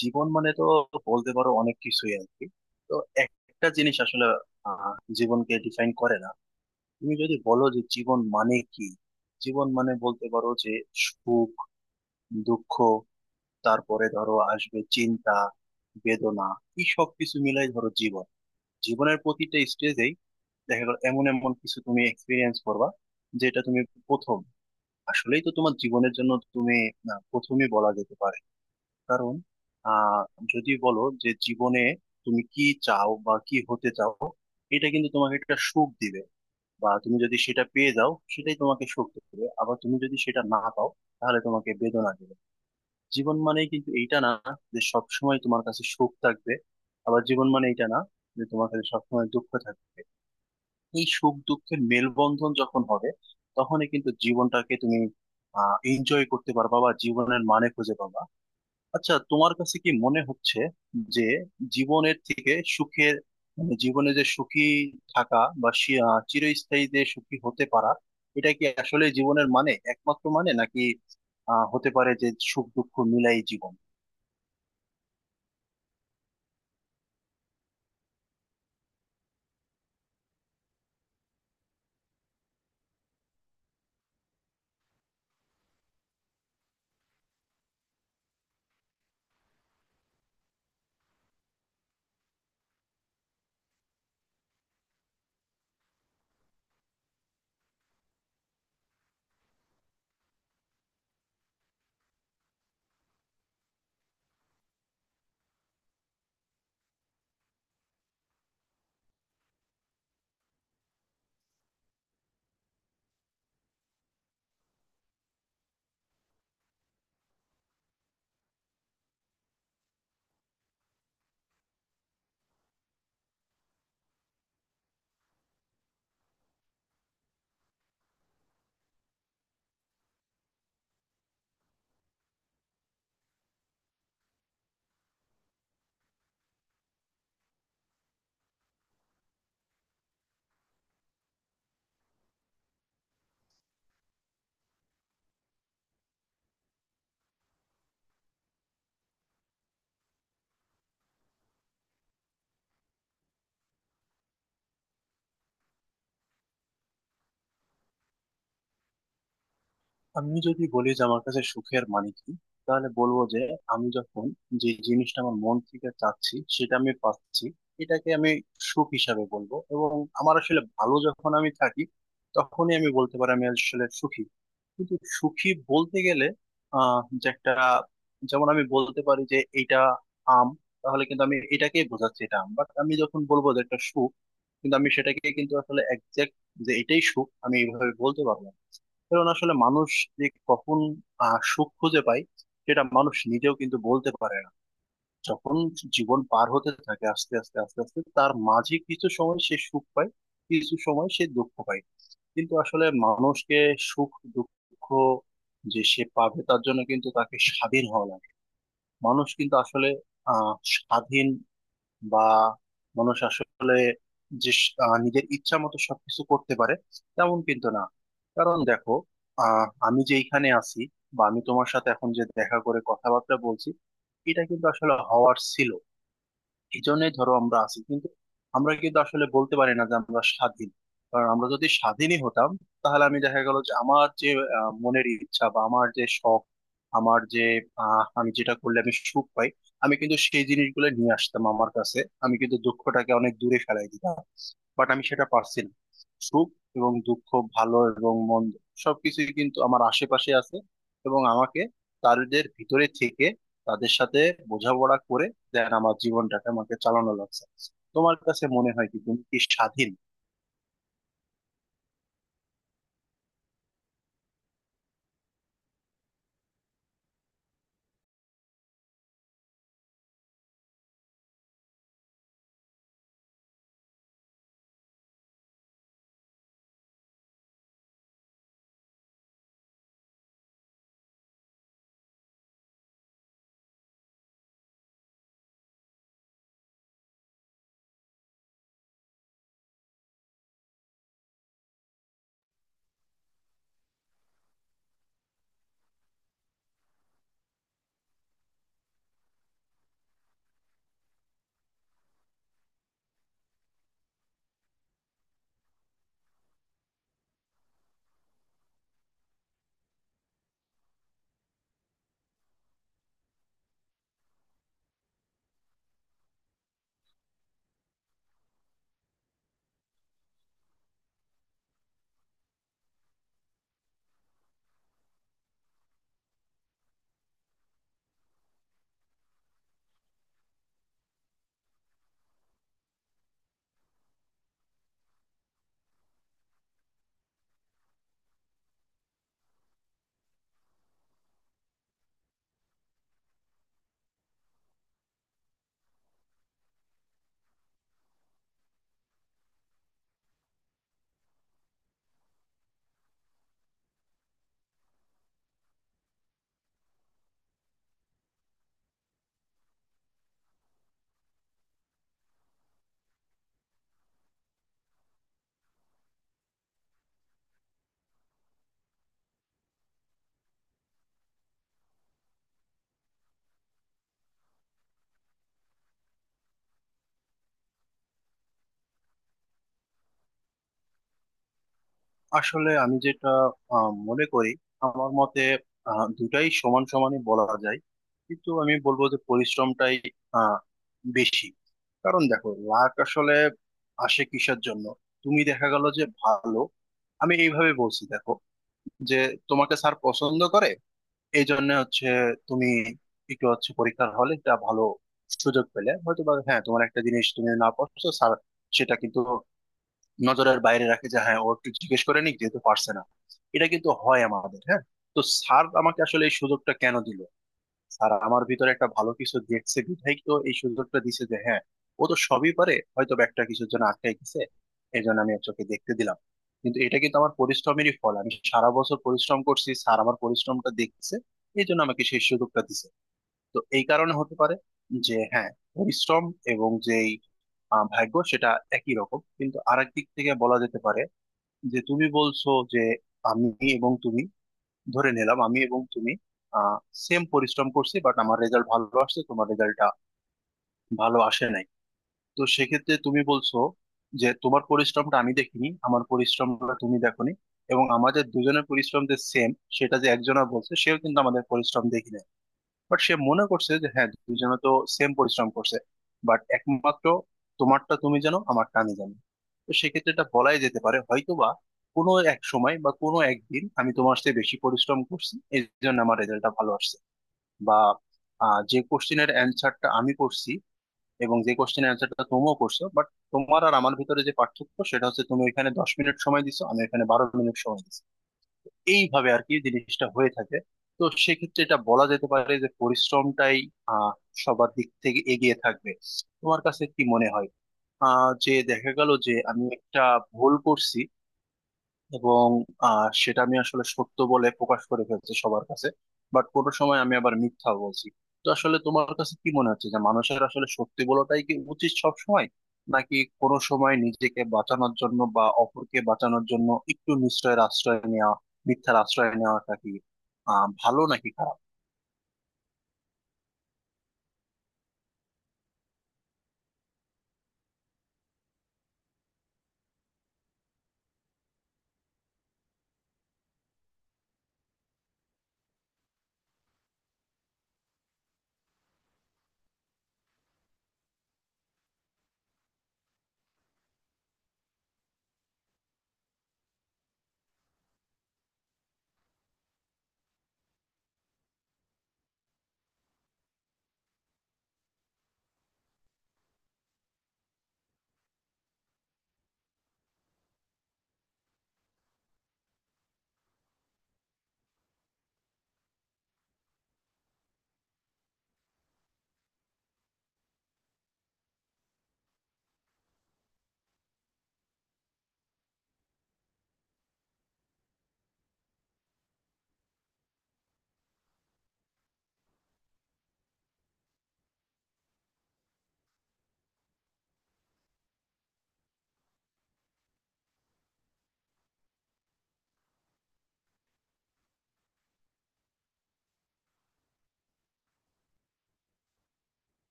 জীবন মানে তো বলতে পারো অনেক কিছুই আর কি। তো একটা জিনিস আসলে আহ, জীবনকে ডিফাইন করে না। তুমি যদি বলো যে জীবন মানে কি, জীবন মানে বলতে পারো যে সুখ, দুঃখ, তারপরে ধরো আসবে চিন্তা, বেদনা, এই সব কিছু মিলাই ধরো জীবন। জীবনের প্রতিটা স্টেজেই দেখা গেল এমন এমন কিছু তুমি এক্সপিরিয়েন্স করবা, যেটা তুমি প্রথম আসলেই তো তোমার জীবনের জন্য তুমি, না, প্রথমই বলা যেতে পারে। কারণ আহ যদি বলো যে জীবনে তুমি কি চাও বা কি হতে চাও, এটা কিন্তু তোমাকে একটা সুখ দিবে, বা তুমি যদি সেটা পেয়ে যাও সেটাই তোমাকে সুখ দেবে, আবার তুমি যদি সেটা না পাও তাহলে তোমাকে বেদনা দেবে। জীবন মানেই কিন্তু এইটা না যে সবসময় তোমার কাছে সুখ থাকবে, আবার জীবন মানে এটা না যে তোমার কাছে সবসময় দুঃখ থাকবে। এই সুখ দুঃখের মেলবন্ধন যখন হবে, তখনই কিন্তু জীবনটাকে তুমি এনজয় করতে পারবা বা জীবনের মানে খুঁজে পাবা। আচ্ছা, তোমার কাছে কি মনে হচ্ছে যে জীবনের থেকে সুখের, মানে জীবনে যে সুখী থাকা বা চিরস্থায়ী যে সুখী হতে পারা, এটা কি আসলে জীবনের মানে একমাত্র মানে, নাকি হতে পারে যে সুখ দুঃখ মিলাই জীবন? আমি যদি বলি যে আমার কাছে সুখের মানে কি, তাহলে বলবো যে আমি যখন যে জিনিসটা আমার মন থেকে চাচ্ছি সেটা আমি পাচ্ছি, এটাকে আমি সুখ হিসাবে বলবো। এবং আমার আসলে ভালো যখন আমি থাকি, তখনই আমি বলতে পারি আমি আসলে সুখী। কিন্তু সুখী বলতে গেলে যে একটা, যেমন আমি বলতে পারি যে এটা আম, তাহলে কিন্তু আমি এটাকেই বোঝাচ্ছি এটা আম। বাট আমি যখন বলবো যে একটা সুখ, কিন্তু আমি সেটাকে কিন্তু আসলে একজ্যাক্ট যে এটাই সুখ আমি এইভাবে বলতে পারবো না। কারণ আসলে মানুষ যে কখন সুখ খুঁজে পায় সেটা মানুষ নিজেও কিন্তু বলতে পারে না। যখন জীবন পার হতে থাকে আস্তে আস্তে আস্তে আস্তে, তার মাঝে কিছু সময় সে সুখ পায়, কিছু সময় সে দুঃখ পায়। কিন্তু আসলে মানুষকে সুখ দুঃখ যে সে পাবে, তার জন্য কিন্তু তাকে স্বাধীন হওয়া লাগে। মানুষ কিন্তু আসলে স্বাধীন, বা মানুষ আসলে যে নিজের ইচ্ছা মতো সবকিছু করতে পারে, তেমন কিন্তু না। কারণ দেখো, আমি যে এখানে আছি বা আমি তোমার সাথে এখন যে দেখা করে কথাবার্তা বলছি, এটা কিন্তু আসলে হওয়ার ছিল। এই জন্যই ধরো আমরা আছি, কিন্তু আমরা কিন্তু আসলে বলতে পারি না যে আমরা স্বাধীন। কারণ আমরা যদি স্বাধীনই হতাম, তাহলে আমি দেখা গেল যে আমার যে মনের ইচ্ছা বা আমার যে শখ, আমার যে আমি যেটা করলে আমি সুখ পাই, আমি কিন্তু সেই জিনিসগুলো নিয়ে আসতাম আমার কাছে। আমি কিন্তু দুঃখটাকে অনেক দূরে ফেলাই দিতাম। বাট আমি সেটা পারছি না। সুখ এবং দুঃখ, ভালো এবং মন্দ, সবকিছুই কিন্তু আমার আশেপাশে আছে। এবং আমাকে তাদের ভিতরে থেকে, তাদের সাথে বোঝাপড়া করে দেন আমার জীবনটাকে আমাকে চালানো লাগছে। তোমার কাছে মনে হয় কি, তুমি কি স্বাধীন? আসলে আমি যেটা মনে করি, আমার মতে দুটাই সমান সমানই বলা যায়। কিন্তু আমি বলবো যে পরিশ্রমটাই আহ, বেশি। কারণ দেখো, লাক আসলে আসে কিসের জন্য? তুমি দেখা গেল যে ভালো, আমি এইভাবে বলছি দেখো, যে তোমাকে স্যার পছন্দ করে, এই জন্য হচ্ছে তুমি একটু হচ্ছে পরীক্ষার হলে একটা ভালো সুযোগ পেলে হয়তো বা, হ্যাঁ, তোমার একটা জিনিস তুমি না পারছো, স্যার সেটা কিন্তু নজরের বাইরে রাখে যে হ্যাঁ, ও একটু জিজ্ঞেস করে নিক যেহেতু পারছে না। এটা কিন্তু হয় আমাদের, হ্যাঁ। তো স্যার আমাকে আসলে এই সুযোগটা কেন দিল? স্যার আমার ভিতরে একটা ভালো কিছু দেখছে বিধায় তো এই সুযোগটা দিছে যে হ্যাঁ, ও তো সবই পারে, হয়তো বা একটা কিছুর জন্য আটকাই গেছে, এই জন্য আমি ওকে দেখতে দিলাম। কিন্তু এটা কিন্তু আমার পরিশ্রমেরই ফল। আমি সারা বছর পরিশ্রম করছি, স্যার আমার পরিশ্রমটা দেখছে, এই জন্য আমাকে সেই সুযোগটা দিছে। তো এই কারণে হতে পারে যে হ্যাঁ, পরিশ্রম এবং যেই ভাগ্য, সেটা একই রকম। কিন্তু আরেক দিক থেকে বলা যেতে পারে, যে তুমি বলছো যে আমি এবং তুমি, ধরে নিলাম আমি এবং তুমি আহ সেম পরিশ্রম করছি, বাট আমার রেজাল্ট ভালো আসছে, তোমার রেজাল্টটা ভালো আসে নাই। তো সেক্ষেত্রে তুমি বলছো যে তোমার পরিশ্রমটা আমি দেখিনি, আমার পরিশ্রমটা তুমি দেখোনি, এবং আমাদের দুজনের পরিশ্রম যে সেম, সেটা যে একজনের বলছে সেও কিন্তু আমাদের পরিশ্রম দেখিনি। বাট সে মনে করছে যে হ্যাঁ, দুজনে তো সেম পরিশ্রম করছে। বাট একমাত্র তোমারটা তুমি জানো, আমারটা আমি জানি। তো সেক্ষেত্রে এটা বলাই যেতে পারে হয়তোবা কোনো এক সময় বা কোনো একদিন আমি তোমার চেয়ে বেশি পরিশ্রম করছি, এই জন্য আমার রেজাল্টটা ভালো আসছে। বা যে কোশ্চেনের অ্যান্সারটা আমি করছি এবং যে কোশ্চেনের অ্যান্সারটা তুমিও করছো, বাট তোমার আর আমার ভিতরে যে পার্থক্য সেটা হচ্ছে তুমি এখানে 10 মিনিট সময় দিছো, আমি এখানে 12 মিনিট সময় দিছি। এইভাবে আর কি জিনিসটা হয়ে থাকে। তো সেক্ষেত্রে এটা বলা যেতে পারে যে পরিশ্রমটাই আহ সবার দিক থেকে এগিয়ে থাকবে। তোমার কাছে কি মনে হয়? যে দেখা গেল যে আমি একটা ভুল করছি, এবং সেটা আমি আসলে সত্য বলে প্রকাশ করে ফেলছি সবার কাছে। বাট কোনো সময় আমি আবার মিথ্যা বলছি। তো আসলে তোমার কাছে কি মনে হচ্ছে যে মানুষের আসলে সত্যি বলাটাই কি উচিত সব সময়, নাকি কোনো সময় নিজেকে বাঁচানোর জন্য বা অপরকে বাঁচানোর জন্য একটু নিশ্চয়ের আশ্রয় নেওয়া, মিথ্যার আশ্রয় নেওয়াটা কি ভালো নাকি খারাপ?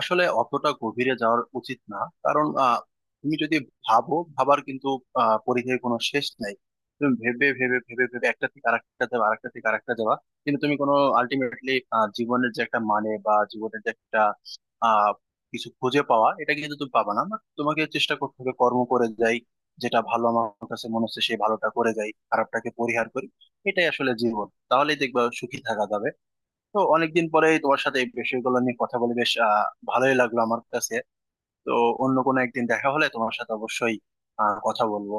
আসলে অতটা গভীরে যাওয়ার উচিত না। কারণ তুমি যদি ভাবো, ভাবার কিন্তু পরিধেয় কোনো শেষ নাই। তুমি ভেবে ভেবে ভেবে ভেবে একটা থেকে আরেকটা যাবে, আরেকটা থেকে আরেকটা যাবা, কিন্তু তুমি কোনো আলটিমেটলি জীবনের যে একটা মানে বা জীবনের যে একটা আহ কিছু খুঁজে পাওয়া, এটা কিন্তু তুমি পাবা না। But তোমাকে চেষ্টা করতে হবে কর্ম করে যাই, যেটা ভালো আমার কাছে মনে হচ্ছে সেই ভালোটা করে যাই, খারাপটাকে পরিহার করি। এটাই আসলে জীবন, তাহলেই দেখবা সুখী থাকা যাবে। তো অনেকদিন পরে তোমার সাথে এই বিষয়গুলো নিয়ে কথা বলে বেশ ভালোই লাগলো আমার কাছে। তো অন্য কোনো একদিন দেখা হলে তোমার সাথে অবশ্যই কথা বলবো।